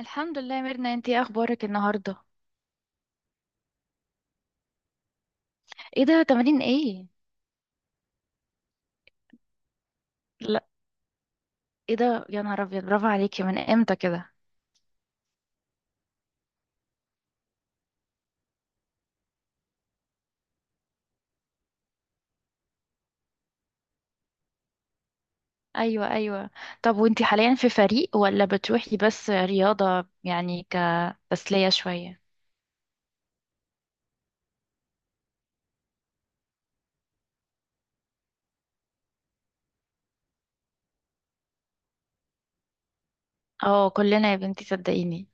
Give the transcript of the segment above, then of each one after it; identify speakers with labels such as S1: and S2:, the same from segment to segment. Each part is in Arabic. S1: الحمد لله يا ميرنا، انتي ايه اخبارك النهارده؟ ايه ده، تمارين ايه؟ لا. ايه ده يا نهار ابيض، برافو عليكي، من امتى كده؟ ايوه ايوه. طب وانتي حاليا في فريق ولا بتروحي بس رياضه يعني كتسليه شويه؟ اه كلنا يا بنتي صدقيني.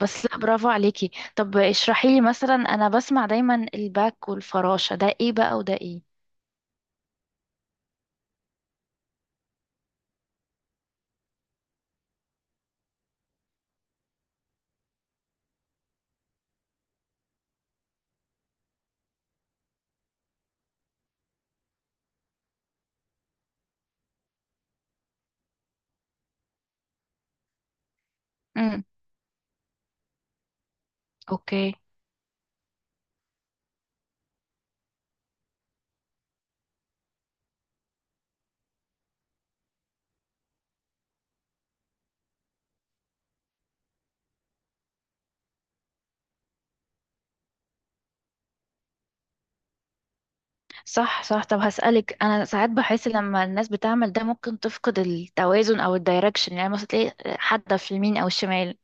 S1: بس لا، برافو عليكي. طب اشرحي لي مثلا، انا بسمع دايما الباك والفراشه، ده ايه بقى وده ايه؟ امم. اوكي. صح صح. طب هسألك، أنا ساعات بحس لما الناس بتعمل ده ممكن تفقد التوازن أو الدايركشن، يعني مثلا تلاقي حد في اليمين أو الشمال.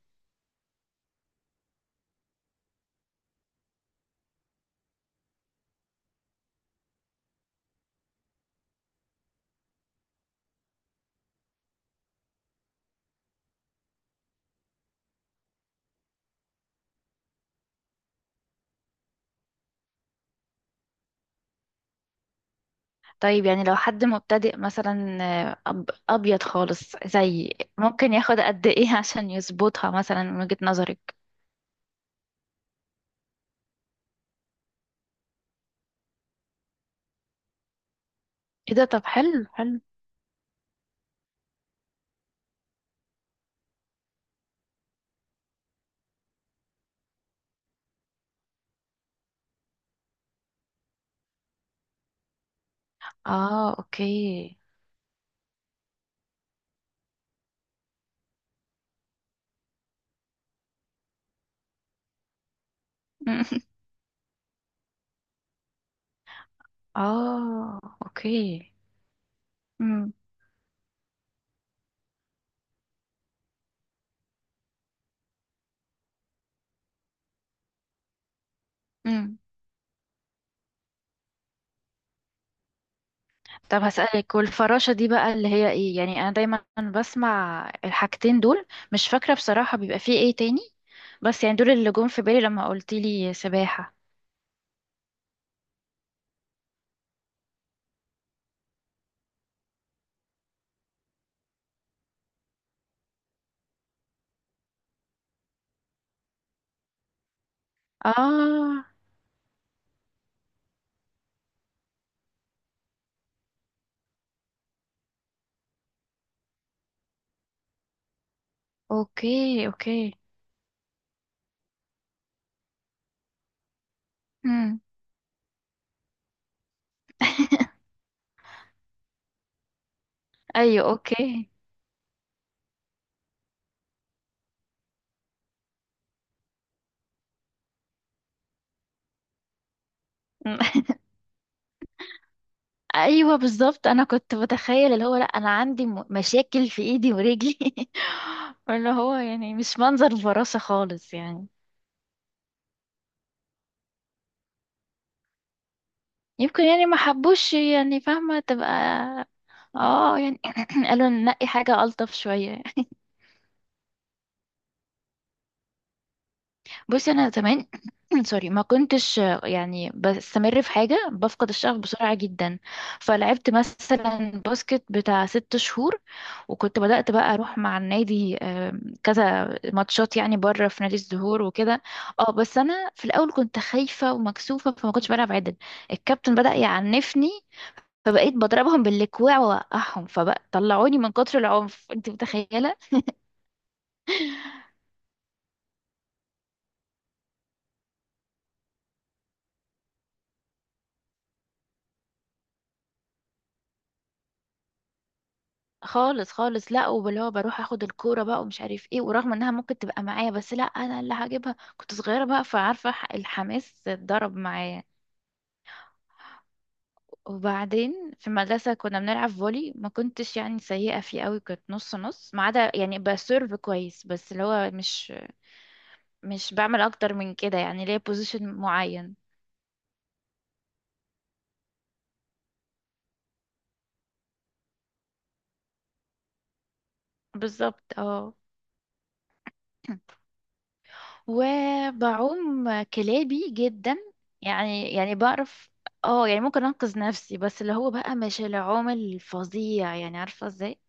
S1: طيب يعني لو حد مبتدئ مثلا، أب أبيض خالص زي، ممكن ياخد قد إيه عشان يظبطها مثلا من وجهة نظرك؟ إيه ده، طب حلو حلو. آه أوكي. آه أوكي. مم. مم. طب هسألك، والفراشة دي بقى اللي هي ايه؟ يعني انا دايما بسمع الحاجتين دول، مش فاكرة بصراحة بيبقى فيه ايه تاني، بس يعني دول اللي جم في بالي لما قلتيلي سباحة. اه. اوكي اوكي. مم. ايوه اوكي. مم. ايوه بالظبط، انا كنت بتخيل اللي هو، لا انا عندي مشاكل في ايدي ورجلي اللي هو يعني مش منظر الفراشة خالص يعني. يمكن يعني ما حبوش، يعني فاهمة، تبقى اه يعني قالوا ننقي حاجة ألطف شوية. بصي أنا زمان سوري، ما كنتش يعني بستمر في حاجة، بفقد الشغف بسرعة جدا. فلعبت مثلا باسكت بتاع 6 شهور، وكنت بدأت بقى أروح مع النادي كذا ماتشات يعني بره في نادي الزهور وكده. اه بس أنا في الأول كنت خايفة ومكسوفة، فما كنتش بلعب عدل. الكابتن بدأ يعنفني، فبقيت بضربهم بالكوع واوقعهم، فبقى طلعوني من كتر العنف، انت متخيله؟ خالص خالص. لا، وباللي هو بروح اخد الكوره بقى ومش عارف ايه، ورغم انها ممكن تبقى معايا بس لا، انا اللي هجيبها. كنت صغيره بقى، فعارفه الحماس اتضرب معايا. وبعدين في المدرسه كنا بنلعب فولي، ما كنتش يعني سيئه فيه قوي، كنت نص نص، ما عدا يعني بسيرف كويس، بس اللي هو مش بعمل اكتر من كده، يعني ليا بوزيشن معين. بالظبط اه. وبعوم كلابي جدا. يعني بعرف. اه يعني ممكن انقذ نفسي، بس اللي هو بقى مش العوم الفظيع، يعني عارفه ازاي.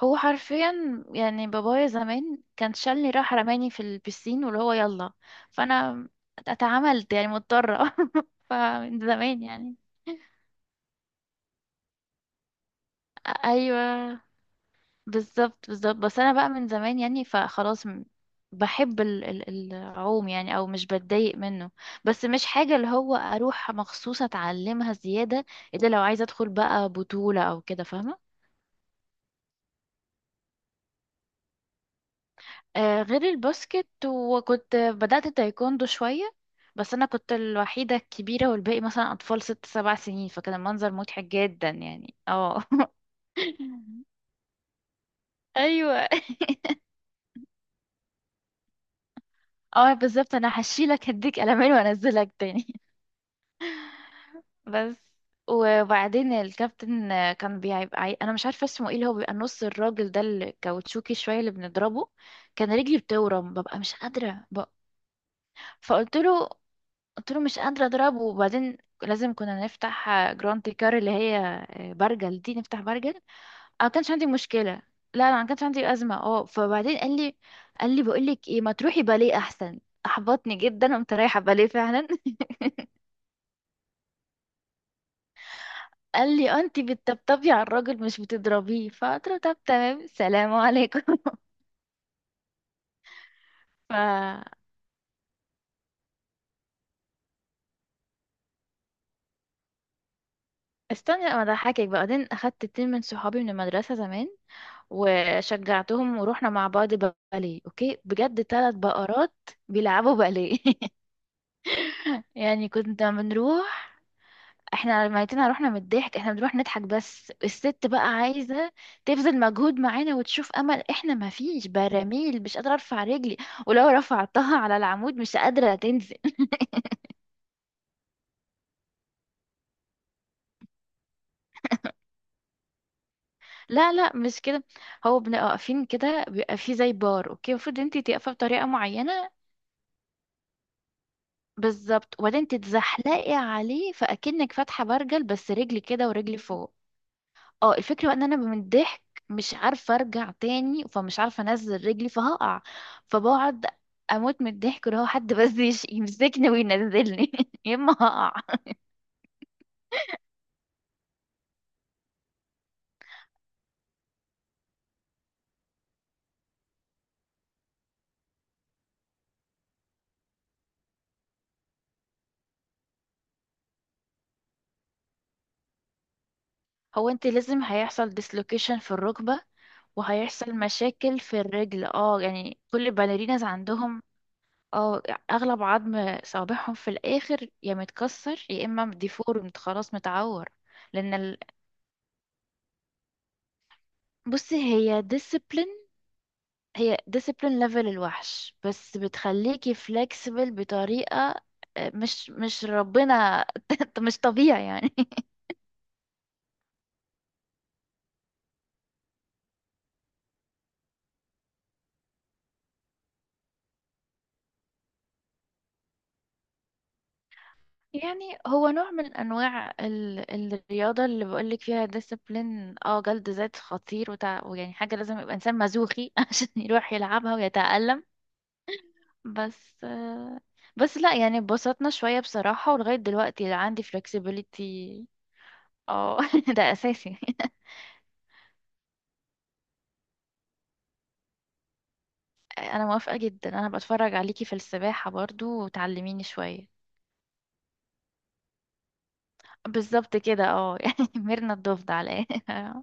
S1: هو حرفيا يعني بابايا زمان كان شالني، راح رماني في البسين واللي هو يلا. فانا اتعاملت يعني مضطره فمن زمان يعني. ايوه بالظبط بالظبط. بس انا بقى من زمان يعني، فخلاص بحب العوم، يعني او مش بتضايق منه. بس مش حاجة اللي هو اروح مخصوص اتعلمها زيادة، الا لو عايزة ادخل بقى بطولة او كده، فاهمة. آه غير الباسكت، وكنت بدأت التايكوندو شوية. بس انا كنت الوحيدة الكبيرة، والباقي مثلا اطفال 6 أو 7 سنين، فكان المنظر مضحك جدا يعني اه ايوه اه بالظبط، انا هشيلك هديك قلمين وانزلك تاني. بس وبعدين الكابتن كان بيبقى انا مش عارفه اسمه ايه، اللي هو بيبقى نص الراجل ده الكاوتشوكي شويه اللي بنضربه. كان رجلي بتورم، ببقى مش قادره بقى. فقلت له، قلت له مش قادره اضربه. وبعدين لازم كنا نفتح جراند كار، اللي هي برجل دي نفتح، برجل انا ما كانش عندي مشكله. لا انا ما كانش عندي ازمه، اه فبعدين قال لي، قال لي بقول لك ايه، ما تروحي باليه احسن. احبطني جدا، قمت رايحه باليه فعلا. قال لي انت بتطبطبي على الراجل مش بتضربيه. فقلت له طب تمام، سلام عليكم. ف استني لما اضحكك بقى. بعدين اخدت اتنين من صحابي من المدرسه زمان، وشجعتهم ورحنا مع بعض باليه. اوكي بجد، ثلاث بقرات بيلعبوا باليه يعني كنا بنروح، احنا ميتنا رحنا من الضحك، احنا بنروح نضحك، بس الست بقى عايزه تبذل مجهود معانا وتشوف امل. احنا ما فيش براميل، مش قادره ارفع رجلي، ولو رفعتها على العمود مش قادره تنزل. لا لا مش كده. هو بنبقى واقفين كده، بيبقى فيه زي بار اوكي، المفروض انت تقفي بطريقه معينه. بالظبط، وبعدين تتزحلقي عليه فاكنك فاتحه برجل، بس رجلي كده ورجلي فوق. اه الفكره بقى ان انا من الضحك مش عارفه ارجع تاني، فمش عارفه انزل رجلي، فهقع. فبقعد اموت من الضحك، اللي هو حد بس يمسكني وينزلني يا اما هقع. هو انت لازم هيحصل ديسلوكيشن في الركبه، وهيحصل مشاكل في الرجل، اه يعني كل الباليريناز عندهم اه اغلب عظم صابعهم في الاخر يا متكسر يا اما ديفورمد خلاص متعور. لان ال... بصي، هي ديسيبلين ليفل الوحش، بس بتخليكي فلكسبل بطريقة مش ربنا مش طبيعي يعني. يعني هو نوع من انواع الرياضة اللي بقولك فيها ديسيبلين، اه جلد ذات خطير ويعني حاجة لازم يبقى انسان مزوخي عشان يروح يلعبها ويتألم. بس آه، بس لا، يعني اتبسطنا شوية بصراحة، ولغاية دلوقتي عندي flexibility. اه ده أساسي أنا موافقة جدا، أنا بتفرج عليكي في السباحة برضو وتعلميني شوية. بالظبط كده اه يعني ميرنا الضفدع على الآخر.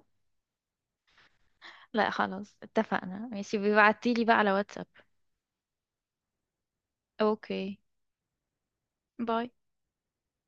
S1: لا خلاص اتفقنا، ماشي بيبعتيلي بقى على واتساب. اوكي، باي.